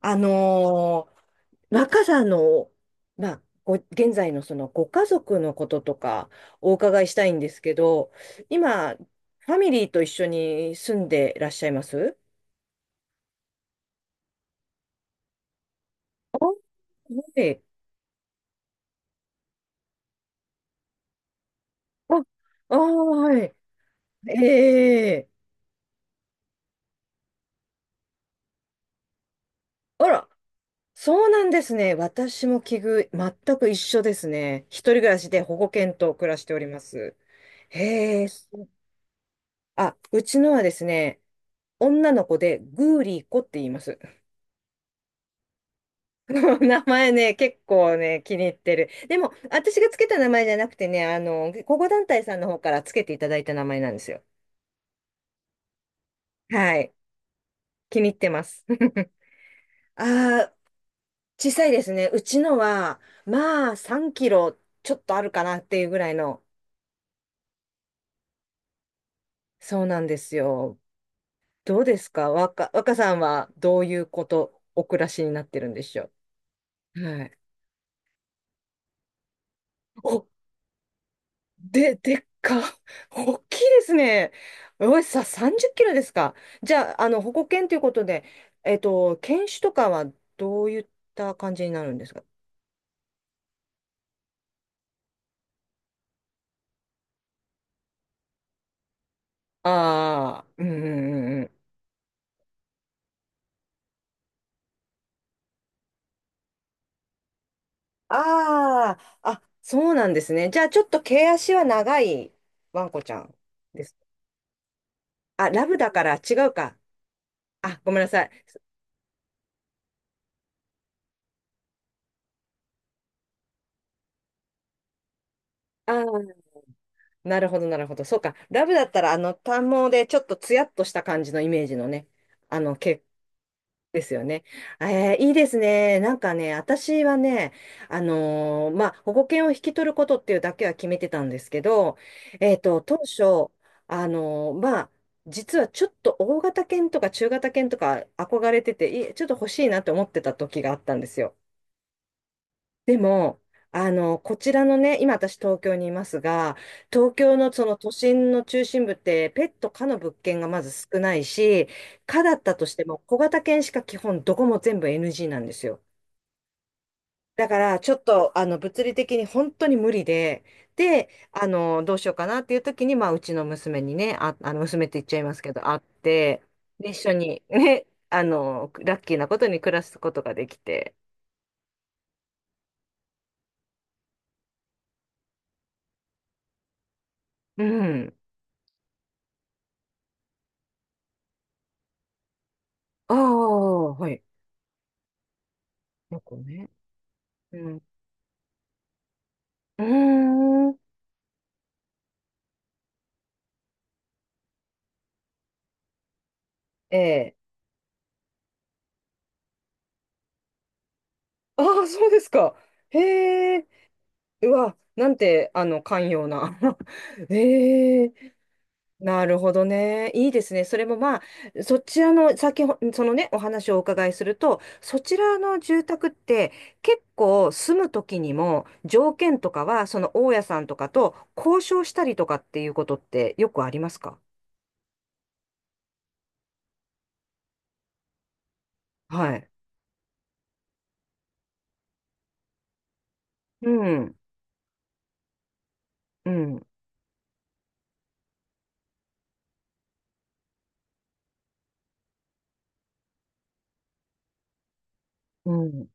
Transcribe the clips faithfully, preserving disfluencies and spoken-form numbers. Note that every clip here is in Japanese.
あのー若さの、まあ、ご、現在のそのご家族のこととかお伺いしたいんですけど、今、ファミリーと一緒に住んでらっしゃいます？あはい。あ、あー、はい。ええ。あら、そうなんですね。私も奇遇、全く一緒ですね。一人暮らしで保護犬と暮らしております。へえ、あ、うちのはですね、女の子でグーリー子って言います。名前ね、結構ね、気に入ってる。でも、私がつけた名前じゃなくてね、あの、保護団体さんの方からつけていただいた名前なんですよ。はい。気に入ってます。ああ、小さいですね。うちのは、まあ、さんキロちょっとあるかなっていうぐらいの。そうなんですよ。どうですか？若、若さんはどういうこと、お暮らしになってるんでしょう？はい。お、で、でっか。大きいですね。おい、さ、さんじゅっキロですか？じゃあ、あの、保護犬ということで、えっと、犬種とかはどういった感じになるんですか？ああー、うんうんうんうん。ああ、あ、そうなんですね。じゃあ、ちょっと毛足は長いワンコちゃんです。あ、ラブだから違うか。あ、ごめんなさい。ああ、なるほど、なるほど。そうか。ラブだったら、あの、短毛でちょっとツヤっとした感じのイメージのね、あの、毛ですよね。えーいいですね。なんかね、私はね、あのーまあ、保護犬を引き取ることっていうだけは決めてたんですけど、えっと、当初、あのーまあ、実はちょっと大型犬とか中型犬とか憧れてて、いちょっと欲しいなって思ってた時があったんですよ。でも、あの、こちらのね、今私東京にいますが、東京のその都心の中心部ってペット可の物件がまず少ないし、可だったとしても小型犬しか基本どこも全部 エヌジー なんですよ。だからちょっとあの物理的に本当に無理で、で、あの、どうしようかなっていう時に、まあうちの娘にね、あ、あの娘って言っちゃいますけど、会って、で一緒にね、あの、ラッキーなことに暮らすことができて、うん。ああ、はい。猫ね。うん。うーん。ええ。ああ、そうですか。へえ。うわ、なんて、あの、寛容な。ええ。なるほどね。いいですね。それもまあ、そちらの、先ほ、そのね、お話をお伺いすると、そちらの住宅って、結構住む時にも、条件とかは、その大家さんとかと交渉したりとかっていうことってよくありますか？はい。うん。うん。うん。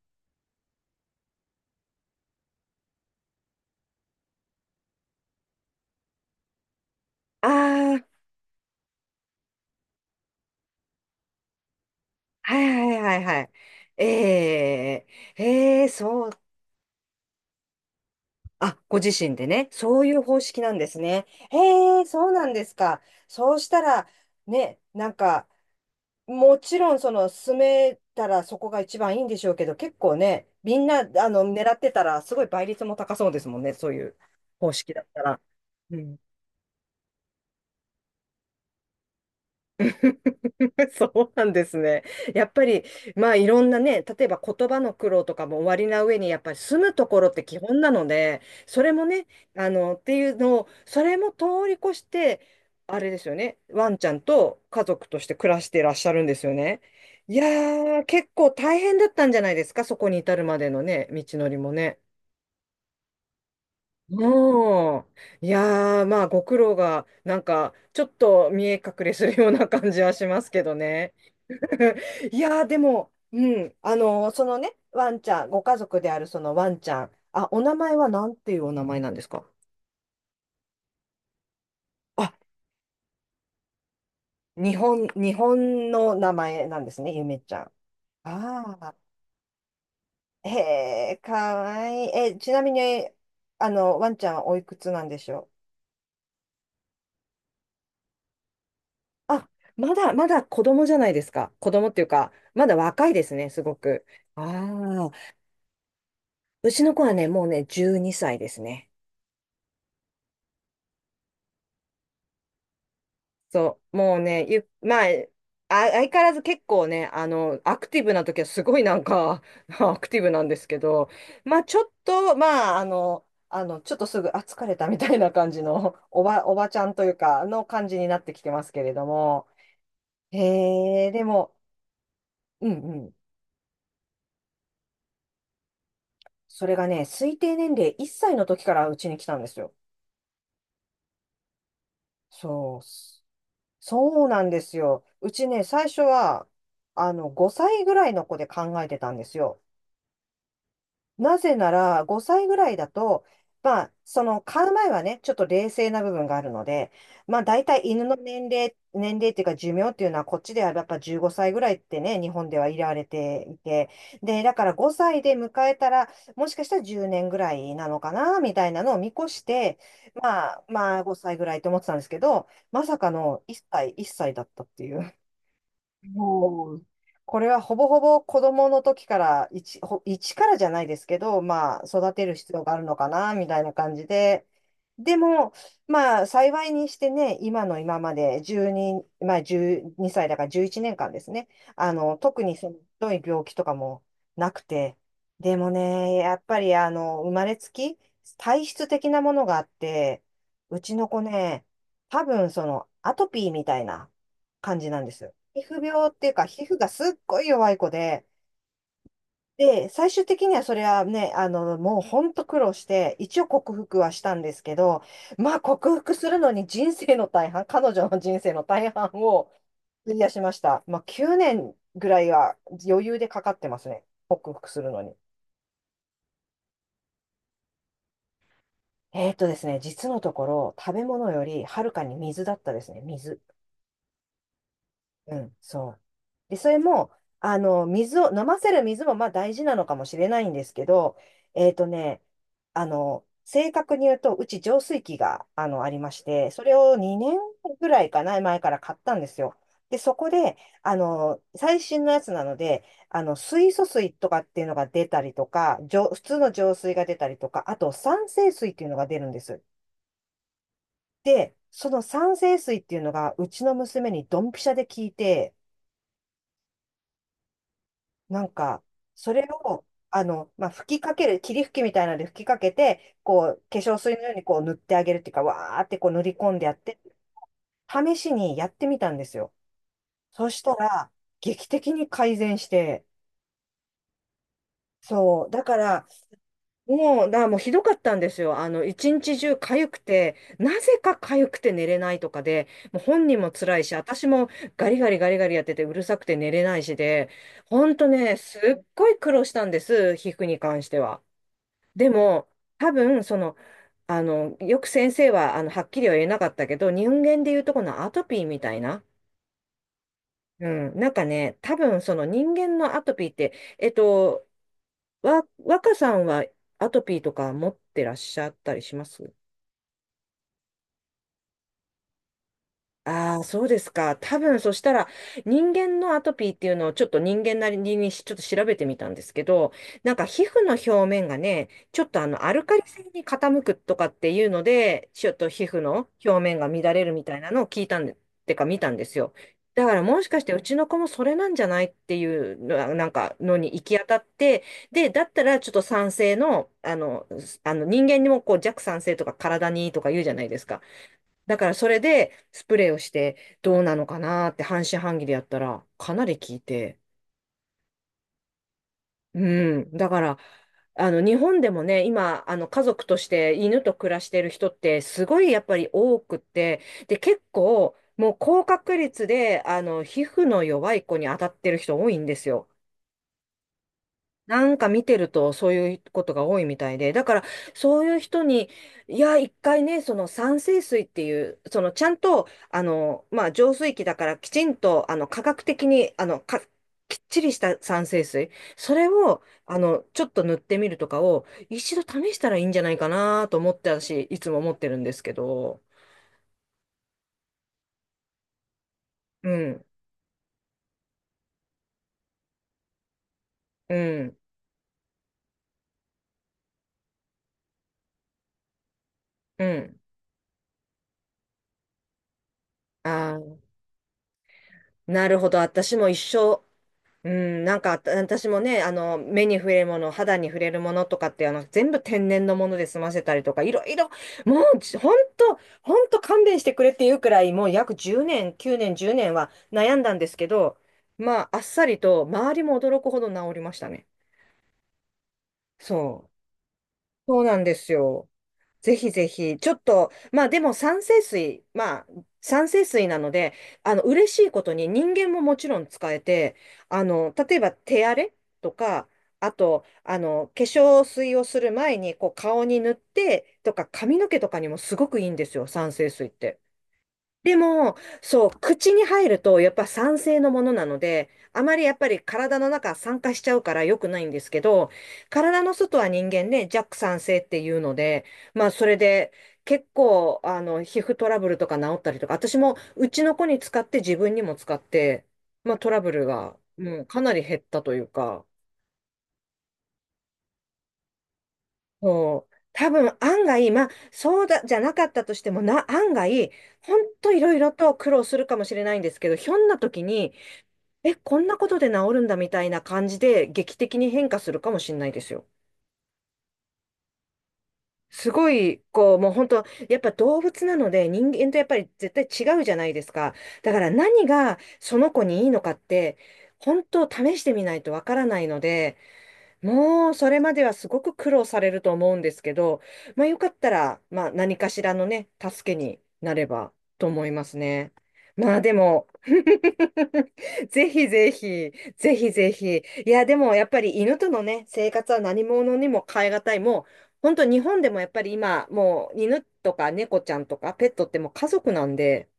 ああ。はいはいはいはい。ええ、ええ、そう、あ、ご自身でね、そういう方式なんですね。ええ、そうなんですか。そうしたら、ね、なんか、もちろん、その、住めたらそこが一番いいんでしょうけど、結構ね、みんな、あの、狙ってたら、すごい倍率も高そうですもんね、そういう方式だったら。そうなんですね。やっぱり、まあいろんなね、例えば言葉の苦労とかも終わりな上に、やっぱり住むところって基本なので、それもね、あの、っていうのを、それも通り越して、あれですよね、ワンちゃんと家族として暮らしていらっしゃるんですよね。いやー、結構大変だったんじゃないですか、そこに至るまでのね、道のりもね。もうん。いやー、まあご苦労が、なんか、ちょっと見え隠れするような感じはしますけどね。いやー、でも、うん、あのーそのね、ワンちゃん、ご家族であるそのワンちゃん、あ、お名前はなんていうお名前なんですか？あ、日本、日本の名前なんですね、ゆめちゃん。ああ、へえ、かわいい。え、ちなみに、あの、ワンちゃんはおいくつなんでしょう？あ、まだ、まだ子供じゃないですか。子供っていうか、まだ若いですね、すごく。ああ、うちの子はね、もうね、じゅうにさいですね。そう、もうね、ゆ、まあ、あ、相変わらず結構ね、あの、アクティブな時はすごいなんか、アクティブなんですけど、まあ、ちょっと、まあ、あの、あの、ちょっとすぐ、あ、疲れたみたいな感じの、おば、おばちゃんというか、の感じになってきてますけれども、へえ、でも、うんうん、それがね、推定年齢いっさいの時からうちに来たんですよ。そう、そうなんですよ。うちね、最初は、あの、ごさいぐらいの子で考えてたんですよ。なぜなら、ごさいぐらいだと、まあ、その、買う前はね、ちょっと冷静な部分があるので、まあ、大体犬の年齢、年齢っていうか寿命っていうのは、こっちではやっぱじゅうごさいぐらいってね、日本では入れられていて、で、だからごさいで迎えたら、もしかしたらじゅうねんぐらいなのかな、みたいなのを見越して、まあ、まあ、ごさいぐらいと思ってたんですけど、まさかのいっさい、いっさいだったっていう。もう、これはほぼほぼ子供の時から、一、ほ一からじゃないですけど、まあ、育てる必要があるのかな、みたいな感じで。でも、まあ、幸いにしてね、今の今までじゅうに、まあ、じゅうにさいだからじゅういちねんかんですね。あの、特にその、ひどい病気とかもなくて。でもね、やっぱり、あの、生まれつき、体質的なものがあって、うちの子ね、多分、その、アトピーみたいな感じなんですよ。皮膚病っていうか、皮膚がすっごい弱い子で、で、最終的にはそれはね、あの、もうほんと苦労して、一応克服はしたんですけど、まあ克服するのに人生の大半、彼女の人生の大半を費やしました。まあきゅうねんぐらいは余裕でかかってますね、克服するのに。えーっとですね、実のところ、食べ物よりはるかに水だったですね、水。うん、そう。で、それも、あの、水を、飲ませる水もまあ大事なのかもしれないんですけど、えっとね、あの、正確に言うと、うち浄水器が、あの、ありまして、それをにねんぐらいかな、前から買ったんですよ。で、そこで、あの、最新のやつなので、あの、水素水とかっていうのが出たりとか、浄普通の浄水が出たりとか、あと酸性水っていうのが出るんです。で、その酸性水っていうのが、うちの娘にドンピシャで聞いて、なんか、それを、あの、まあ、吹きかける、霧吹きみたいなので吹きかけて、こう、化粧水のようにこう塗ってあげるっていうか、わーってこう塗り込んでやって、試しにやってみたんですよ。そしたら、劇的に改善して、そう、だから、もう、だからもうひどかったんですよ。あの、一日中痒くて、なぜか痒くて寝れないとかで、もう本人も辛いし、私もガリガリガリガリやっててうるさくて寝れないしで、ほんとね、すっごい苦労したんです、皮膚に関しては。でも、多分、その、あの、よく先生は、あの、はっきりは言えなかったけど、人間でいうとこのアトピーみたいな、うん、なんかね、多分、その人間のアトピーって、えっと、わ、若さんはアトピーとか持ってらっしゃったりします？ああ、そうですか。多分、そしたら、人間のアトピーっていうのをちょっと人間なりにしちょっと調べてみたんですけど、なんか皮膚の表面がね、ちょっとあの、アルカリ性に傾くとかっていうので、ちょっと皮膚の表面が乱れるみたいなのを聞いたんで、ってか見たんですよ。だからもしかしてうちの子もそれなんじゃないっていうのなんかのに行き当たって、で、だったらちょっと酸性の、あの、あの人間にもこう弱酸性とか体にいいとか言うじゃないですか。だからそれでスプレーをしてどうなのかなって半信半疑でやったらかなり効いて。うん。だから、あの日本でもね、今、あの家族として犬と暮らしてる人ってすごいやっぱり多くって、で、結構もう高確率であの皮膚の弱い子に当たってる人多いんですよ。なんか見てるとそういうことが多いみたいで、だからそういう人に、いや、一回ね、その酸性水っていう、そのちゃんと、あの、まあ、浄水器だからきちんと、あの、科学的に、あの、か、きっちりした酸性水、それを、あの、ちょっと塗ってみるとかを、一度試したらいいんじゃないかなと思って、私、いつも思ってるんですけど、うん、うん、うん。ああ、なるほど。私も一生、うん、なんかあた私もね、あの、目に触れるもの、肌に触れるものとかって、あの、全部天然のもので済ませたりとか、いろいろ、もう、じほんと、ほんと勘弁してくれっていうくらい、もう約じゅうねん、きゅうねん、じゅうねんは悩んだんですけど、まあ、あっさりと、周りも驚くほど治りましたね。そう。そうなんですよ。ぜひぜひ、ちょっと、まあでも酸性水、まあ酸性水なので、あの嬉しいことに人間ももちろん使えて、あの例えば手荒れとか、あと、あの化粧水をする前にこう顔に塗ってとか、髪の毛とかにもすごくいいんですよ、酸性水って。でも、そう、口に入ると、やっぱ酸性のものなので、あまりやっぱり体の中酸化しちゃうから良くないんですけど、体の外は人間ね、弱酸性っていうので、まあそれで結構、あの、皮膚トラブルとか治ったりとか、私もうちの子に使って自分にも使って、まあトラブルが、うん、かなり減ったというか、そう、多分案外、まあそうだ、じゃなかったとしてもな、案外、ほんといろいろと苦労するかもしれないんですけど、ひょんな時に、え、こんなことで治るんだみたいな感じで劇的に変化するかもしれないですよ。すごい、こう、もう本当、やっぱ動物なので人間とやっぱり絶対違うじゃないですか。だから何がその子にいいのかって、本当試してみないとわからないので、もう、それまではすごく苦労されると思うんですけど、まあ、よかったら、まあ、何かしらのね、助けになればと思いますね。まあ、でも、ぜひぜひ、ぜひぜひ。いや、でも、やっぱり犬とのね、生活は何者にも代え難い。もう、本当日本でもやっぱり今、もう、犬とか猫ちゃんとかペットってもう家族なんで、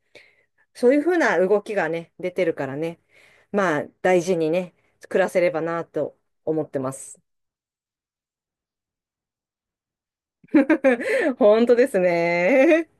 そういうふうな動きがね、出てるからね、まあ、大事にね、暮らせればなと思ってます。本当ですね。